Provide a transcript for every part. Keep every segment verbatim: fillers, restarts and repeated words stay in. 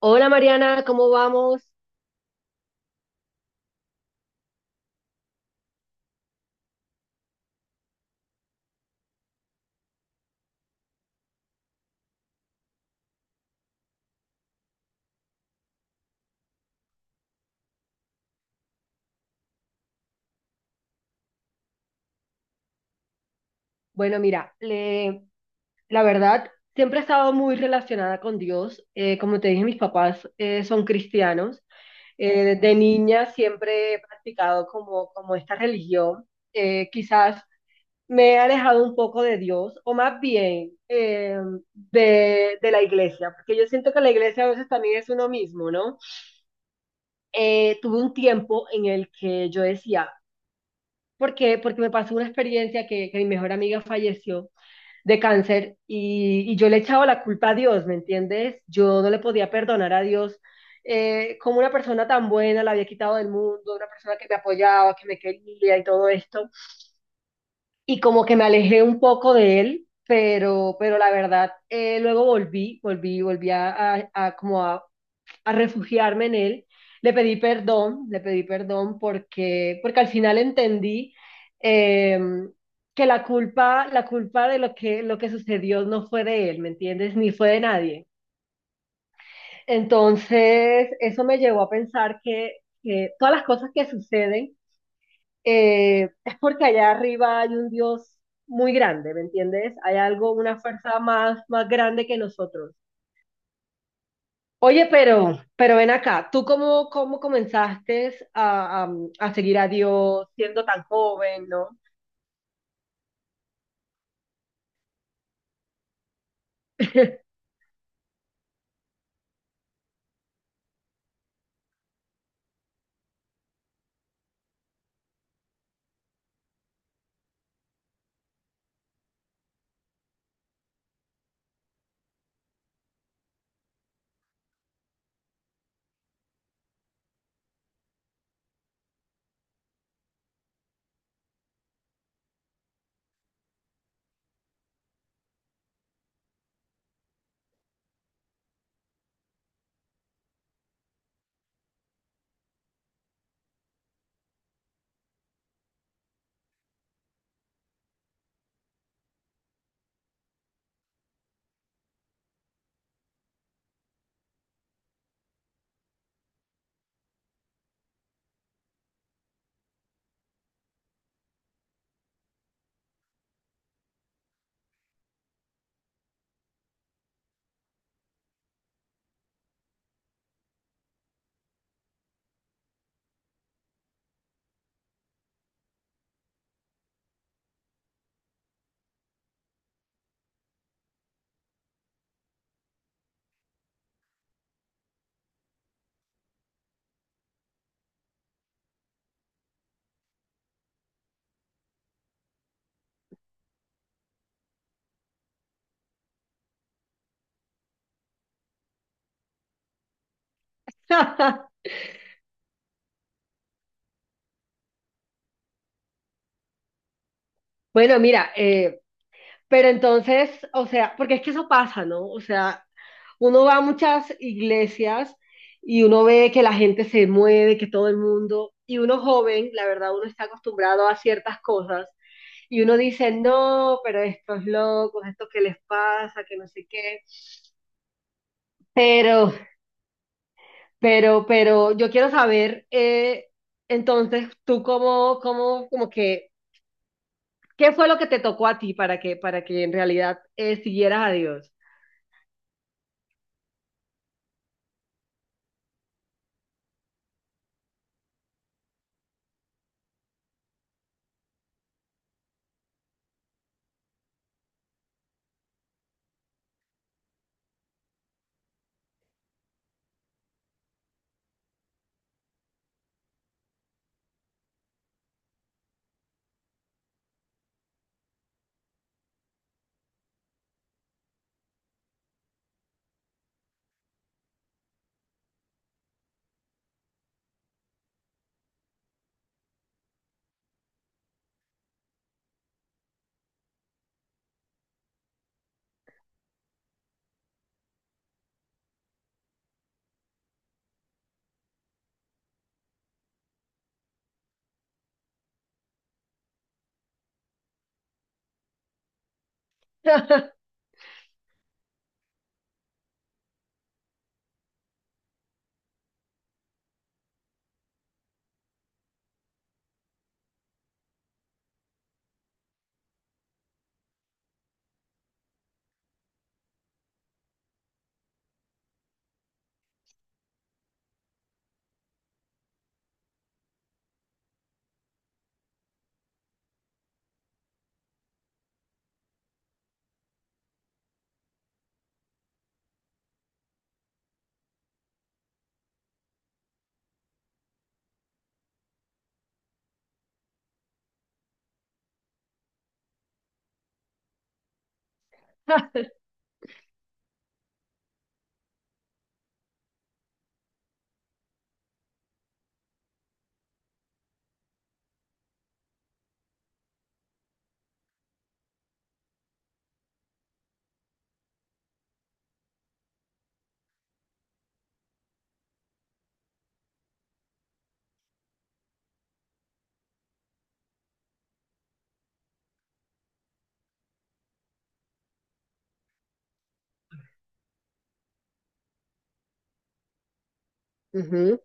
Hola Mariana, ¿cómo vamos? Bueno, mira, le- la verdad, siempre he estado muy relacionada con Dios. Eh, como te dije, mis papás eh, son cristianos. Eh, desde niña siempre he practicado como, como esta religión. Eh, quizás me he alejado un poco de Dios, o más bien eh, de, de la iglesia, porque yo siento que la iglesia a veces también es uno mismo, ¿no? Eh, tuve un tiempo en el que yo decía, ¿por qué? Porque me pasó una experiencia que que mi mejor amiga falleció de cáncer y, y yo le echaba la culpa a Dios, ¿me entiendes? Yo no le podía perdonar a Dios eh, como una persona tan buena la había quitado del mundo, una persona que me apoyaba, que me quería y todo esto. Y como que me alejé un poco de él, pero, pero la verdad, eh, luego volví, volví, volví a, a, a como a, a refugiarme en él. Le pedí perdón, le pedí perdón porque, porque al final entendí eh, que la culpa, la culpa de lo que, lo que sucedió no fue de él, ¿me entiendes? Ni fue de nadie. Entonces, eso me llevó a pensar que, que todas las cosas que suceden eh, es porque allá arriba hay un Dios muy grande, ¿me entiendes? Hay algo, una fuerza más, más grande que nosotros. Oye, pero, pero ven acá, ¿tú cómo, cómo comenzaste a, a- a seguir a Dios siendo tan joven, ¿no? Bueno, mira, eh, pero entonces, o sea, porque es que eso pasa, ¿no? O sea, uno va a muchas iglesias y uno ve que la gente se mueve, que todo el mundo, y uno joven, la verdad, uno está acostumbrado a ciertas cosas y uno dice, no, pero estos locos, estos que les pasa, que no sé qué. Pero Pero, pero yo quiero saber, eh, entonces, tú cómo, cómo, como que, ¿qué fue lo que te tocó a ti para que, para que en realidad eh, siguieras a Dios? Ujú.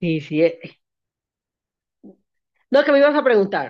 Sí, sí. eh. No, que me ibas a preguntar.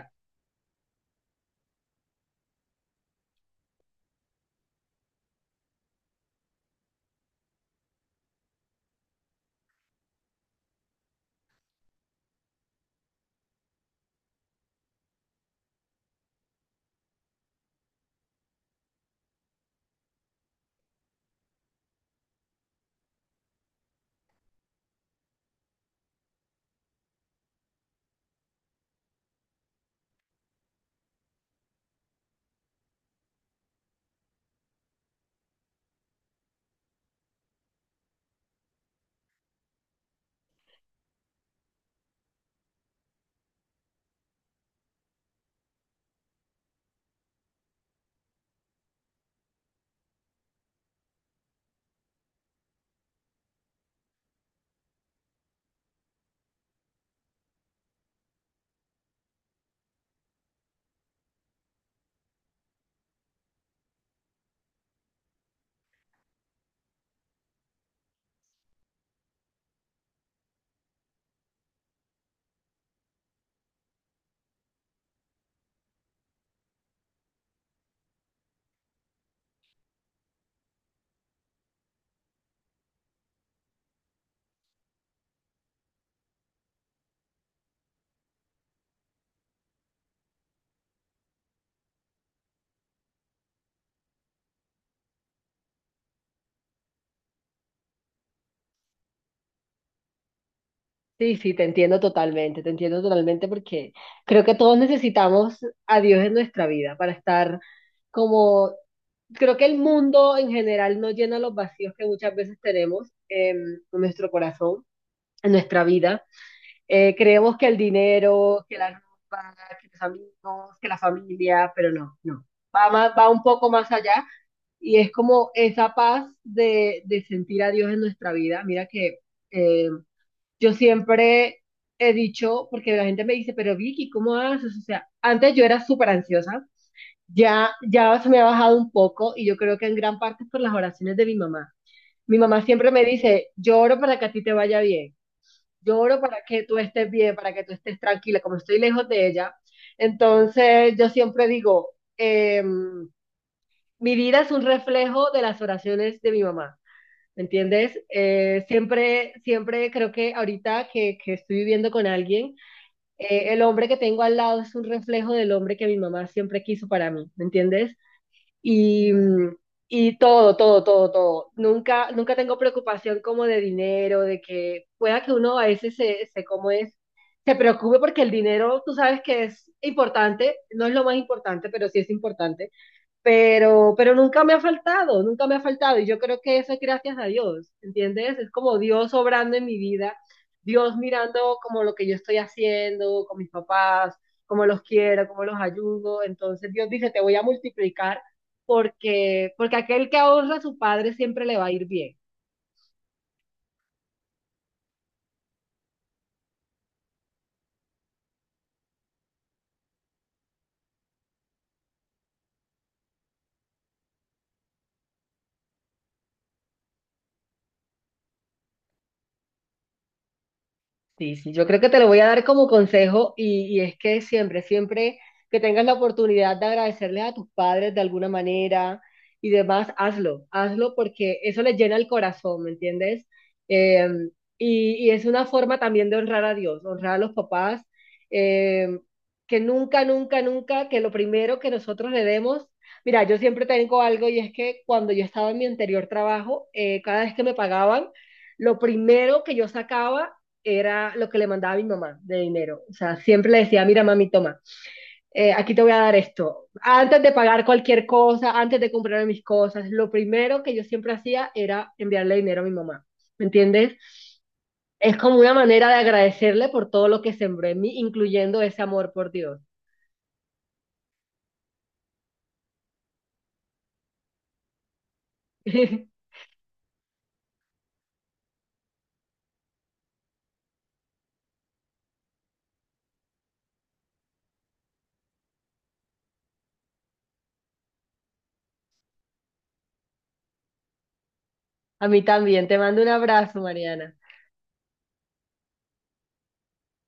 Sí, sí, te entiendo totalmente, te entiendo totalmente porque creo que todos necesitamos a Dios en nuestra vida para estar como, creo que el mundo en general no llena los vacíos que muchas veces tenemos em, en nuestro corazón, en nuestra vida. Eh, creemos que el dinero, que la ropa, que los amigos, que la familia, pero no, no. Va, más- va un poco más allá y es como esa paz de, de sentir a Dios en nuestra vida. Mira que eh, yo siempre he dicho, porque la gente me dice, pero Vicky, ¿cómo haces? O sea, antes yo era súper ansiosa, ya, ya se me ha bajado un poco y yo creo que en gran parte es por las oraciones de mi mamá. Mi mamá siempre me dice, yo oro para que a ti te vaya bien. Yo oro para que tú estés bien, para que tú estés tranquila, como estoy lejos de ella. Entonces, yo siempre digo, em, mi vida es un reflejo de las oraciones de mi mamá, ¿me entiendes? Eh, siempre, siempre creo que ahorita que, que estoy viviendo con alguien, eh, el hombre que tengo al lado es un reflejo del hombre que mi mamá siempre quiso para mí, ¿me entiendes? y, mm, y todo, todo, todo, todo. Nunca, nunca tengo preocupación como de dinero, de que pueda que uno a veces se, se como es, se preocupe porque el dinero, tú sabes que es importante, no es lo más importante, pero sí es importante pero, pero nunca me ha faltado, nunca me ha faltado. Y yo creo que eso es gracias a Dios, ¿entiendes? Es como Dios obrando en mi vida, Dios mirando como lo que yo estoy haciendo con mis papás, cómo los quiero, cómo los ayudo. Entonces Dios dice, te voy a multiplicar porque, porque aquel que ahorra a su padre siempre le va a ir bien. Sí, sí, yo creo que te lo voy a dar como consejo y, y es que siempre, siempre que tengas la oportunidad de agradecerles a tus padres de alguna manera y demás, hazlo, hazlo porque eso les llena el corazón, ¿me entiendes? Eh, y, y es una forma también de honrar a Dios, honrar a los papás, eh, que nunca, nunca, nunca, que lo primero que nosotros le demos, mira, yo siempre tengo algo y es que cuando yo estaba en mi anterior trabajo, eh, cada vez que me pagaban, lo primero que yo sacaba, era lo que le mandaba a mi mamá de dinero. O sea, siempre le decía, mira mami, toma, eh, aquí te voy a dar esto. Antes de pagar cualquier cosa, antes de comprarme mis cosas, lo primero que yo siempre hacía era enviarle dinero a mi mamá. ¿Me entiendes? Es como una manera de agradecerle por todo lo que sembró en mí, incluyendo ese amor por Dios. A mí también. Te mando un abrazo, Mariana.